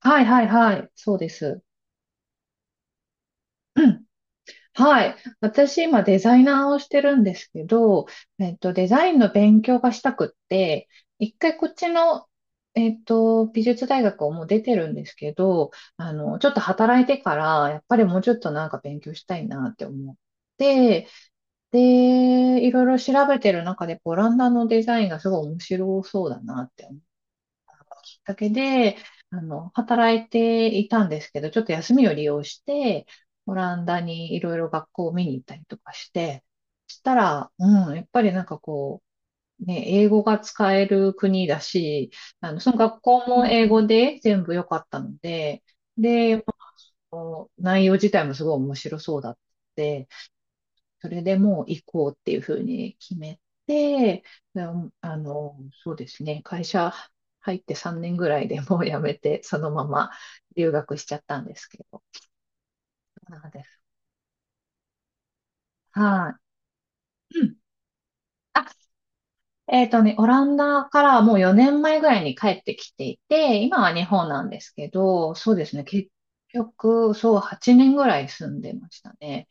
はいはいはい。そうです。うん。はい。私今デザイナーをしてるんですけど、デザインの勉強がしたくって、一回こっちの、美術大学をもう出てるんですけど、ちょっと働いてから、やっぱりもうちょっとなんか勉強したいなって思って、で、いろいろ調べてる中で、オランダのデザインがすごい面白そうだなってだけで、働いていたんですけど、ちょっと休みを利用して、オランダにいろいろ学校を見に行ったりとかして、そしたら、やっぱりなんかこう、ね、英語が使える国だし、その学校も英語で全部良かったので、内容自体もすごい面白そうだって、それでもう行こうっていうふうに決めて、うんあの、そうですね、会社入って3年ぐらいでもう辞めて、そのまま留学しちゃったんですけど。そうなんです。はい。うんあ、オランダからもう4年前ぐらいに帰ってきていて、今は日本なんですけど、そうですね、結局、そう、8年ぐらい住んでましたね。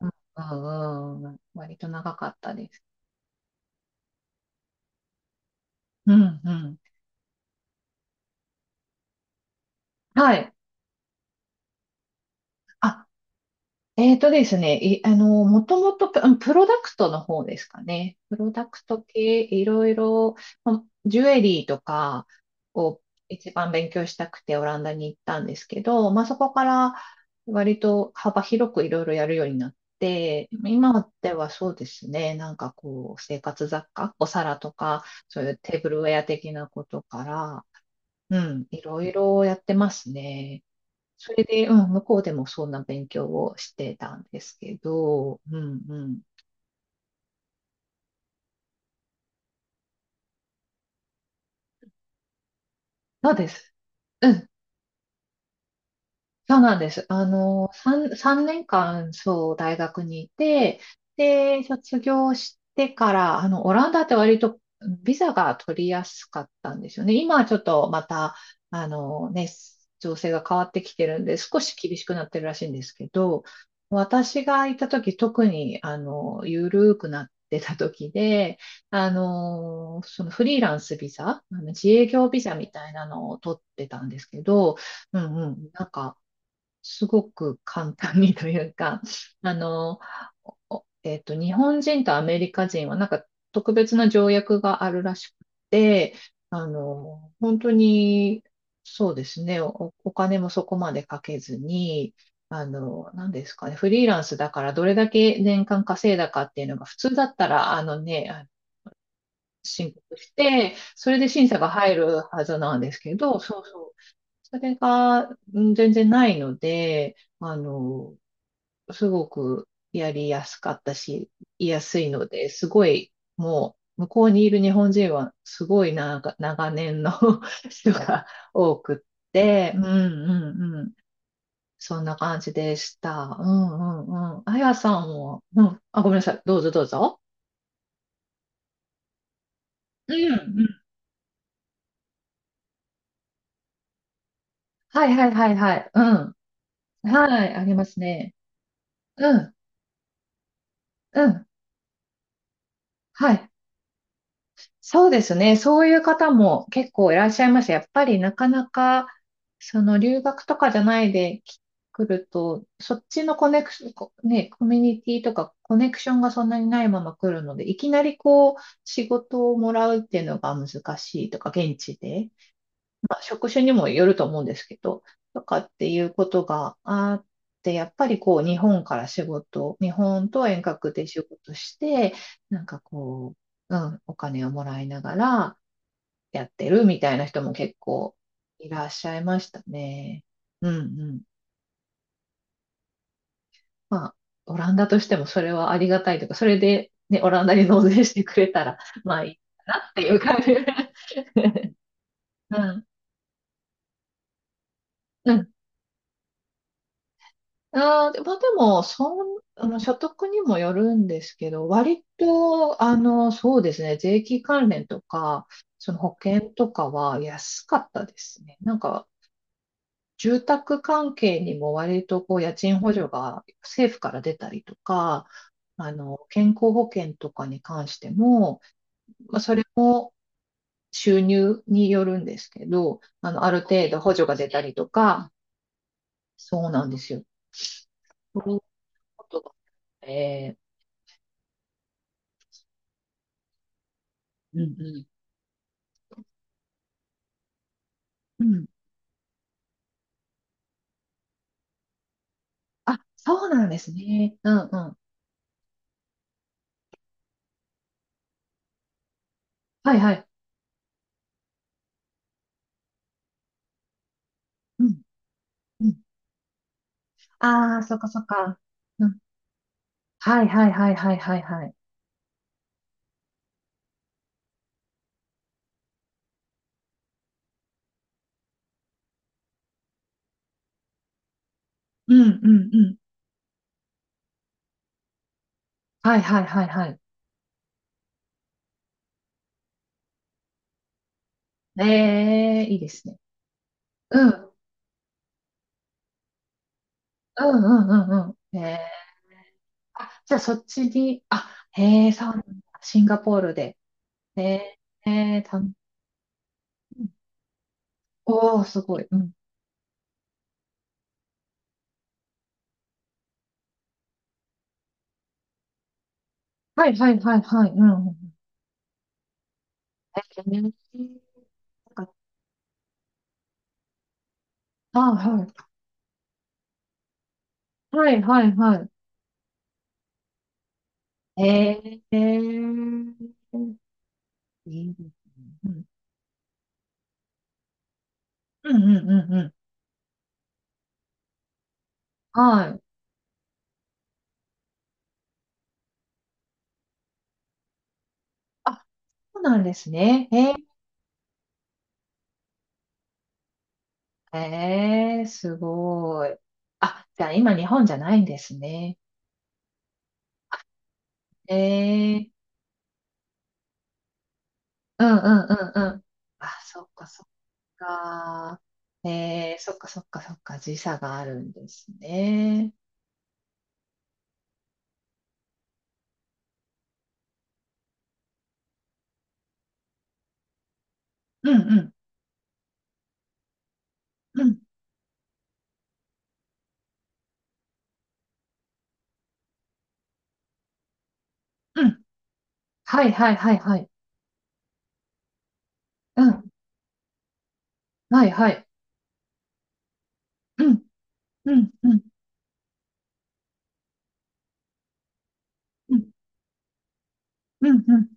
うん、うん、割と長かったです。うん、うん。はい。あえーとですね、い、あの、もともとプロダクトの方ですかね。プロダクト系、いろいろ、ジュエリーとかを一番勉強したくてオランダに行ったんですけど、まあ、そこから割と幅広くいろいろやるようになって、今ではそうですね、なんかこう、生活雑貨、お皿とか、そういうテーブルウェア的なことから、うん、いろいろやってますね。それで、向こうでもそんな勉強をしてたんですけど、うんうん。そうです。うんそうなんです。3、三年間、そう、大学にいて、で、卒業してから、オランダって割とビザが取りやすかったんですよね。今はちょっとまた、あのね、情勢が変わってきてるんで、少し厳しくなってるらしいんですけど、私がいた時、特に、緩くなってた時で、そのフリーランスビザ、あの自営業ビザみたいなのを取ってたんですけど、うん、なんか、すごく簡単にというか、あの、おえっと、日本人とアメリカ人はなんか特別な条約があるらしくて、本当に、そうですね、お金もそこまでかけずに、何ですかね、フリーランスだからどれだけ年間稼いだかっていうのが普通だったら、申告して、それで審査が入るはずなんですけど、そうそう。それが、うん全然ないので、すごくやりやすかったし、言いやすいので、すごい、もう、向こうにいる日本人は、すごいな長年の 人が多くって、うんうんうん。そんな感じでした。うんうんうん。あやさんも、うん。あ、ごめんなさい。どうぞどうぞ。うんうん。はいはいはいはい。うん。はい、ありますね。うん、うん。はい。そうですね。そういう方も結構いらっしゃいます。やっぱりなかなか、その留学とかじゃない来ると、そっちのコネクション、コミュニティとかコネクションがそんなにないまま来るので、いきなりこう、仕事をもらうっていうのが難しいとか、現地で職種にもよると思うんですけど、とかっていうことがあって、やっぱりこう日本から仕事、日本と遠隔で仕事して、なんかこう、お金をもらいながらやってるみたいな人も結構いらっしゃいましたね。うんうん。まあ、オランダとしてもそれはありがたいとか、それでね、オランダに納税してくれたら、まあいいなっていう感じ。うん。うんまあでも、そん、あの、所得にもよるんですけど、割と、そうですね、税金関連とか、その保険とかは安かったですね。なんか、住宅関係にも割とこう、家賃補助が政府から出たりとか、健康保険とかに関しても、まあ、それも収入によるんですけど、ある程度補助が出たりとか、そうなんですよ。そういうことがあってうんうん。うんそうなんですね。うんうん。はいはい。うん。うん。ああ、そっかそっか。うん。はいはいはいはいはいはい。うんうんうん。はいはいはいはい。ええ、いいですね。うん。うんうんうんうん。ええ。あ、じゃあそっちに、あ、へえ、そうなんだ。シンガポールで。ええ、ええ、おおー、すごい。うん。はいはいはいはい。うんうんうん。ええ、あ、はい。はいはいはい。ええ。ええいいですね。うん、うん、うん、うん。うんはい。あ、そうなんですね。へえ、へえ、すごい。あ、じゃあ今日本じゃないんですね。へえ、うん、うん、うん、うん。あ、そっか、そっか。へえ、そっか、そっか、そっか。時差があるんですね。うん、うん、うん、うん。はい、はい、はい、はい。うん、はい、はい。うん、うん、うん、うん、うん、うん。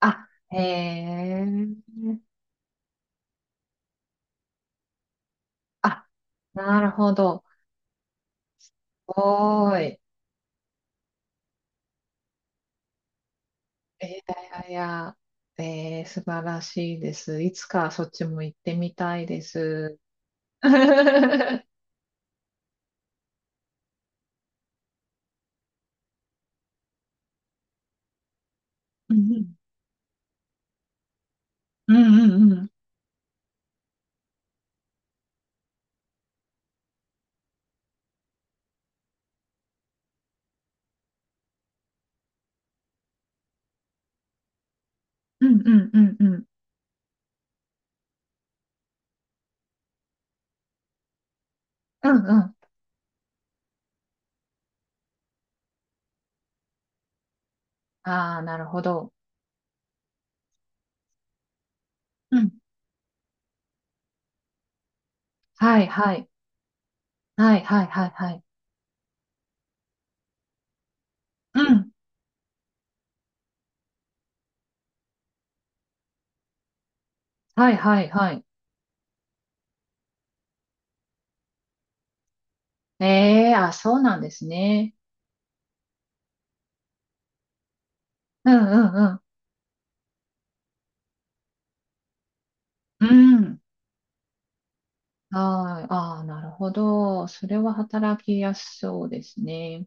あ、へえ。あ、なるほど。おーい。えー、いやいやいや、えー、素晴らしいです。いつかそっちも行ってみたいです。うんうんうんうんうんうんうんうんうんうんああー、なるほど。うんはいはいはいはいはいはい。うんはいはいはい。ええー、あ、そうなんですね。うんうんうん。うん。はい。ああ、なるほど。それは働きやすそうですね。